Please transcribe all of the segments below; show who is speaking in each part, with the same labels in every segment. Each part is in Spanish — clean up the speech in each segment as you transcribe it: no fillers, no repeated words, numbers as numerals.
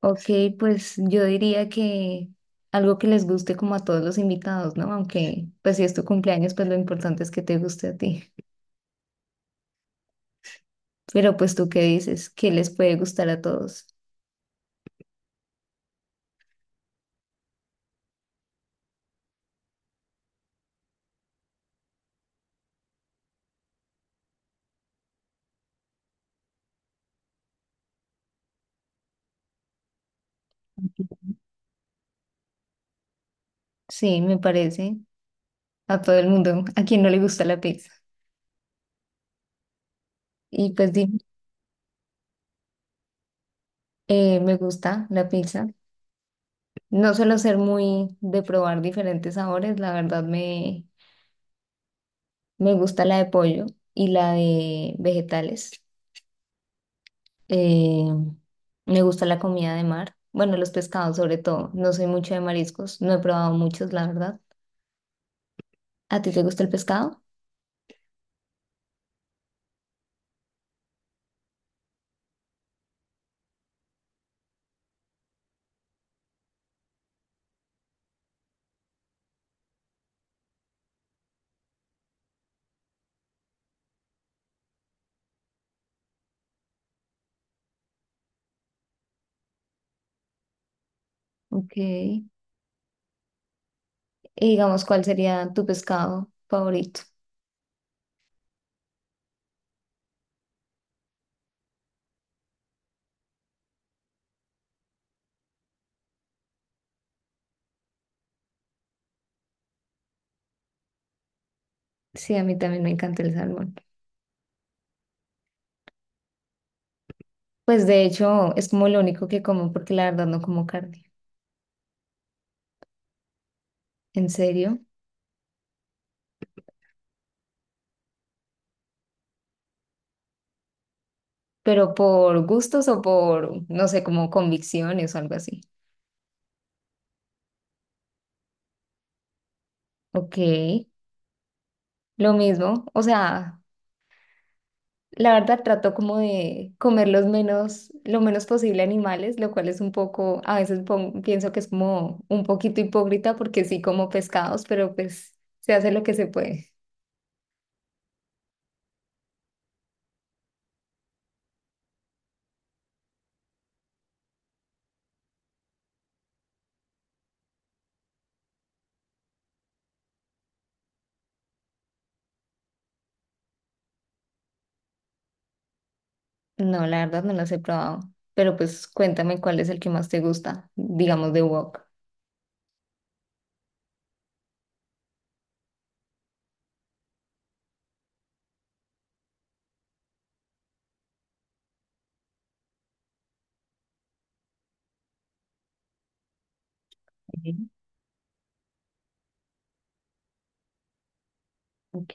Speaker 1: Ok, pues yo diría que algo que les guste como a todos los invitados, ¿no? Aunque pues si es tu cumpleaños, pues lo importante es que te guste a ti. Pero pues tú qué dices, ¿qué les puede gustar a todos? Sí, me parece a todo el mundo, a quien no le gusta la pizza. Y pues dime, me gusta la pizza. No suelo ser muy de probar diferentes sabores, la verdad me gusta la de pollo y la de vegetales. Eh, me gusta la comida de mar, bueno, los pescados sobre todo. No soy mucho de mariscos, no he probado muchos, la verdad. ¿A ti te gusta el pescado? Ok. Y digamos, ¿cuál sería tu pescado favorito? Sí, a mí también me encanta el salmón. Pues de hecho es como lo único que como porque la verdad no como carne. ¿En serio? Pero por gustos o por, no sé, como convicciones o algo así. Ok, lo mismo. O sea, la verdad trato como de comer los menos, lo menos posible animales, lo cual es un poco, a veces pienso que es como un poquito hipócrita porque sí como pescados, pero pues se hace lo que se puede. No, la verdad no los he probado, pero pues cuéntame cuál es el que más te gusta, digamos de wok. Ujú. Ok.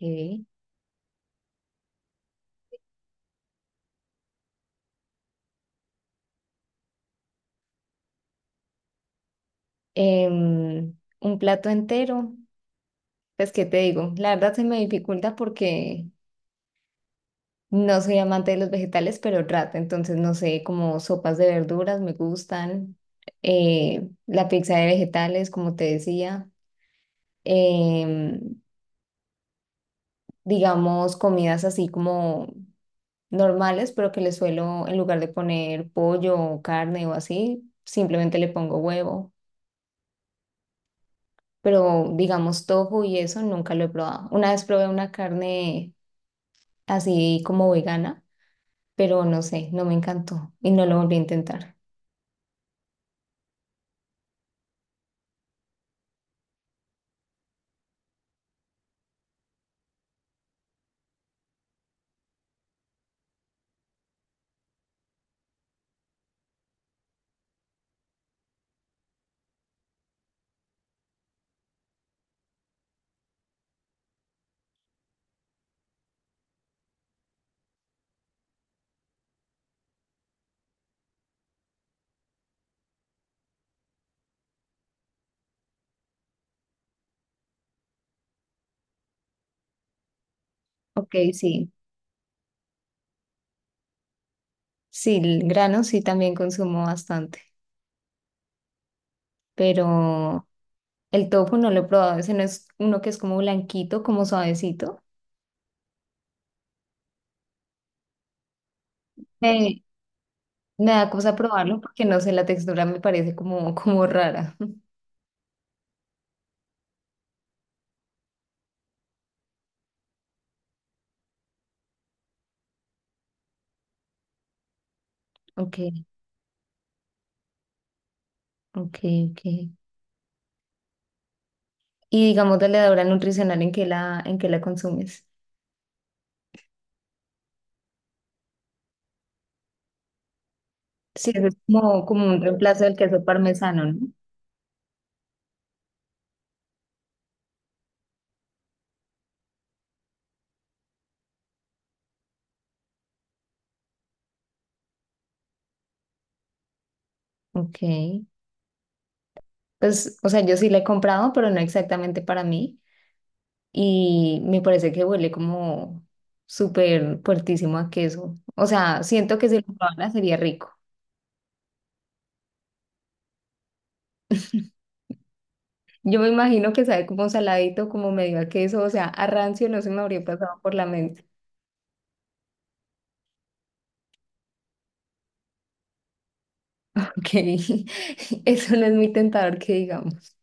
Speaker 1: Un plato entero. Pues, ¿qué te digo? La verdad se me dificulta porque no soy amante de los vegetales, pero trato. Entonces, no sé, como sopas de verduras me gustan, la pizza de vegetales, como te decía, em, digamos, comidas así como normales, pero que le suelo, en lugar de poner pollo o carne o así, simplemente le pongo huevo. Pero, digamos, tofu y eso nunca lo he probado. Una vez probé una carne así como vegana, pero no sé, no me encantó y no lo volví a intentar. Ok, sí, sí, el grano sí también consumo bastante, pero el tofu no lo he probado, ese no es uno que es como blanquito, como suavecito. Eh, me da cosa probarlo porque no sé, la textura me parece como, como rara. Ok, ok, ok. Y digamos de la levadura nutricional en que la consumes. Sí, eso es como, como un reemplazo del queso parmesano, ¿no? Ok. Pues, o sea, yo sí la he comprado, pero no exactamente para mí. Y me parece que huele como súper fuertísimo a queso. O sea, siento que si lo probara sería rico. Yo me imagino que sabe como saladito, como medio a queso, o sea, a rancio no se me habría pasado por la mente, porque eso no es muy tentador que digamos.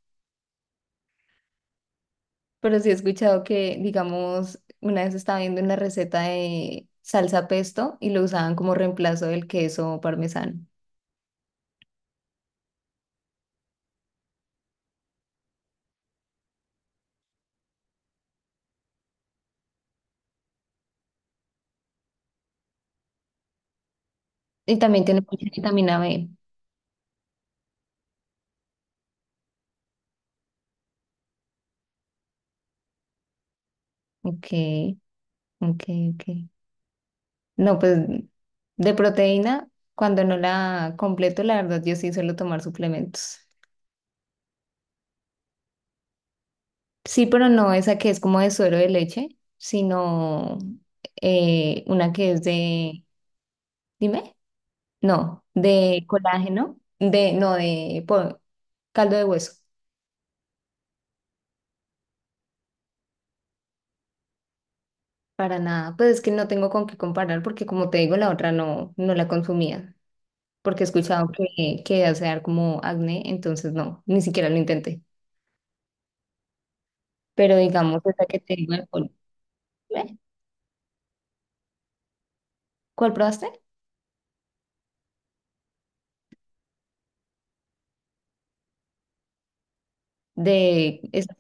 Speaker 1: Pero sí he escuchado que, digamos, una vez estaba viendo una receta de salsa pesto y lo usaban como reemplazo del queso parmesano. Y también tiene mucha vitamina B. Ok, ok, ok. No, pues de proteína, cuando no la completo, la verdad, yo sí suelo tomar suplementos. Sí, pero no esa que es como de suero de leche, sino una que es de, dime, no, de colágeno, de, no, caldo de hueso, para nada. Pues es que no tengo con qué comparar porque como te digo, la otra no, no la consumía, porque he escuchado que hace dar como acné, entonces no, ni siquiera lo intenté. Pero digamos, esa que te digo, de polvo. ¿Eh? ¿Cuál probaste? De esa,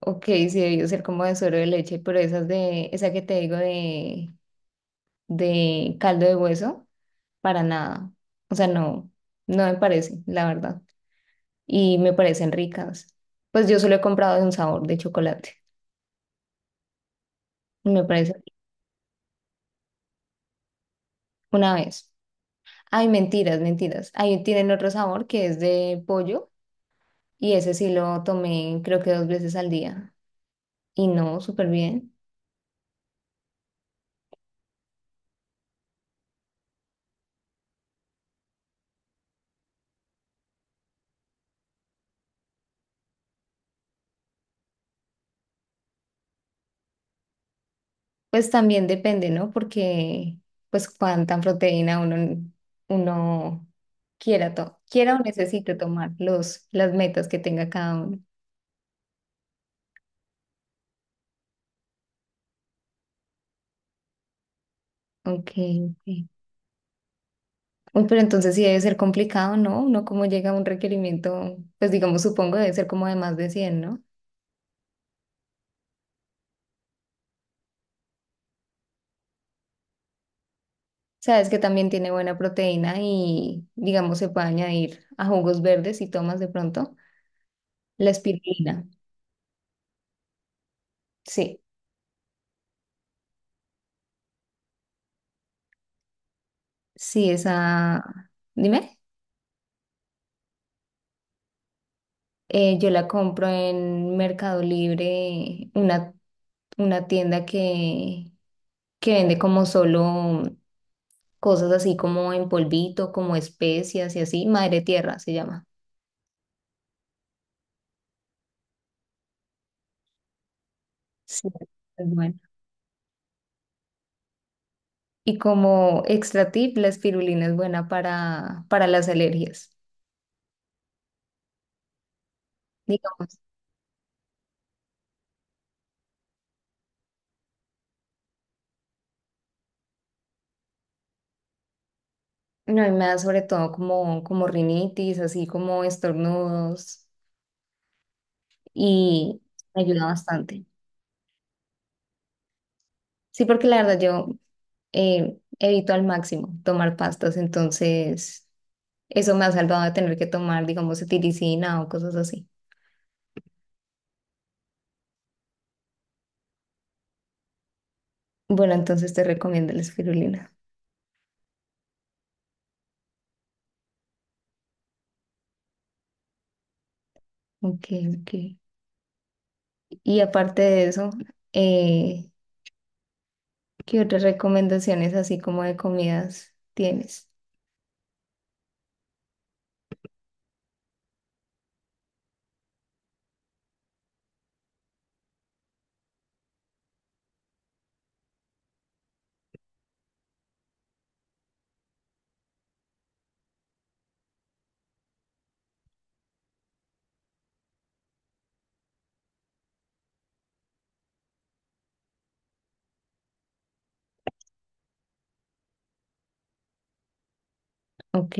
Speaker 1: ok, sí debió ser como de suero de leche, pero esas de, esa que te digo de caldo de hueso, para nada. O sea, no, no me parece, la verdad. Y me parecen ricas. Pues yo solo he comprado de un sabor de chocolate. Y me parece una vez. Ay, mentiras, mentiras. Ahí tienen otro sabor que es de pollo y ese sí lo tomé creo que dos veces al día. Y no, súper bien. Pues también depende, ¿no? Porque, pues, cuánta proteína uno quiera, quiera o necesite tomar los, las metas que tenga cada uno. Ok, ok. Uy, pero entonces sí debe ser complicado, ¿no? Uno como llega a un requerimiento, pues digamos, supongo debe ser como de más de 100, ¿no? Sabes que también tiene buena proteína y, digamos, se puede añadir a jugos verdes y tomas de pronto la espirulina. Sí, sí, esa... Dime. Yo la compro en Mercado Libre, una tienda que vende como solo cosas así como en polvito, como especias y así. Madre Tierra se llama. Sí. Es buena. Y como extra tip, la espirulina es buena para las alergias, digamos. No, y me da sobre todo como, como rinitis, así como estornudos, y me ayuda bastante. Sí, porque la verdad yo evito al máximo tomar pastas, entonces eso me ha salvado de tener que tomar, digamos, cetiricina o cosas así. Bueno, entonces te recomiendo la espirulina. Ok, ok. Y aparte de eso, eh, ¿qué otras recomendaciones así como de comidas tienes? Ok.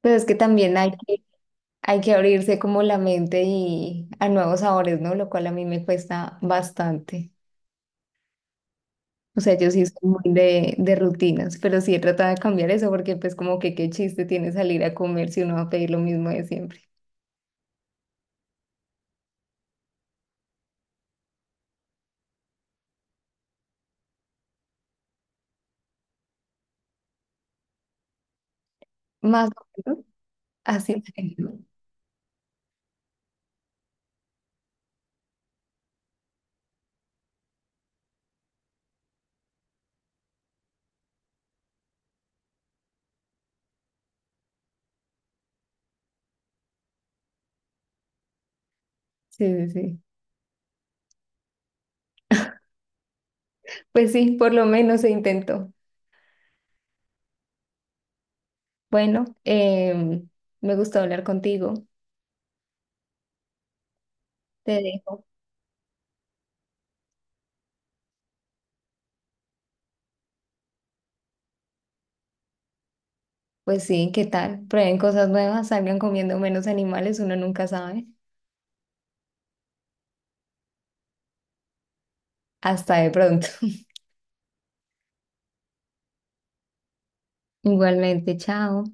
Speaker 1: Pero es que también hay que abrirse como la mente y a nuevos sabores, ¿no? Lo cual a mí me cuesta bastante. O sea, yo sí soy muy de rutinas, pero sí he tratado de cambiar eso porque pues como que qué chiste tiene salir a comer si uno va a pedir lo mismo de siempre. Más o menos, así. Es. Sí, sí, sí. Pues sí, por lo menos se intentó. Bueno, me gustó hablar contigo. Te dejo. Pues sí, ¿qué tal? Prueben cosas nuevas, salgan comiendo menos animales, uno nunca sabe. Hasta de pronto. Igualmente, chao.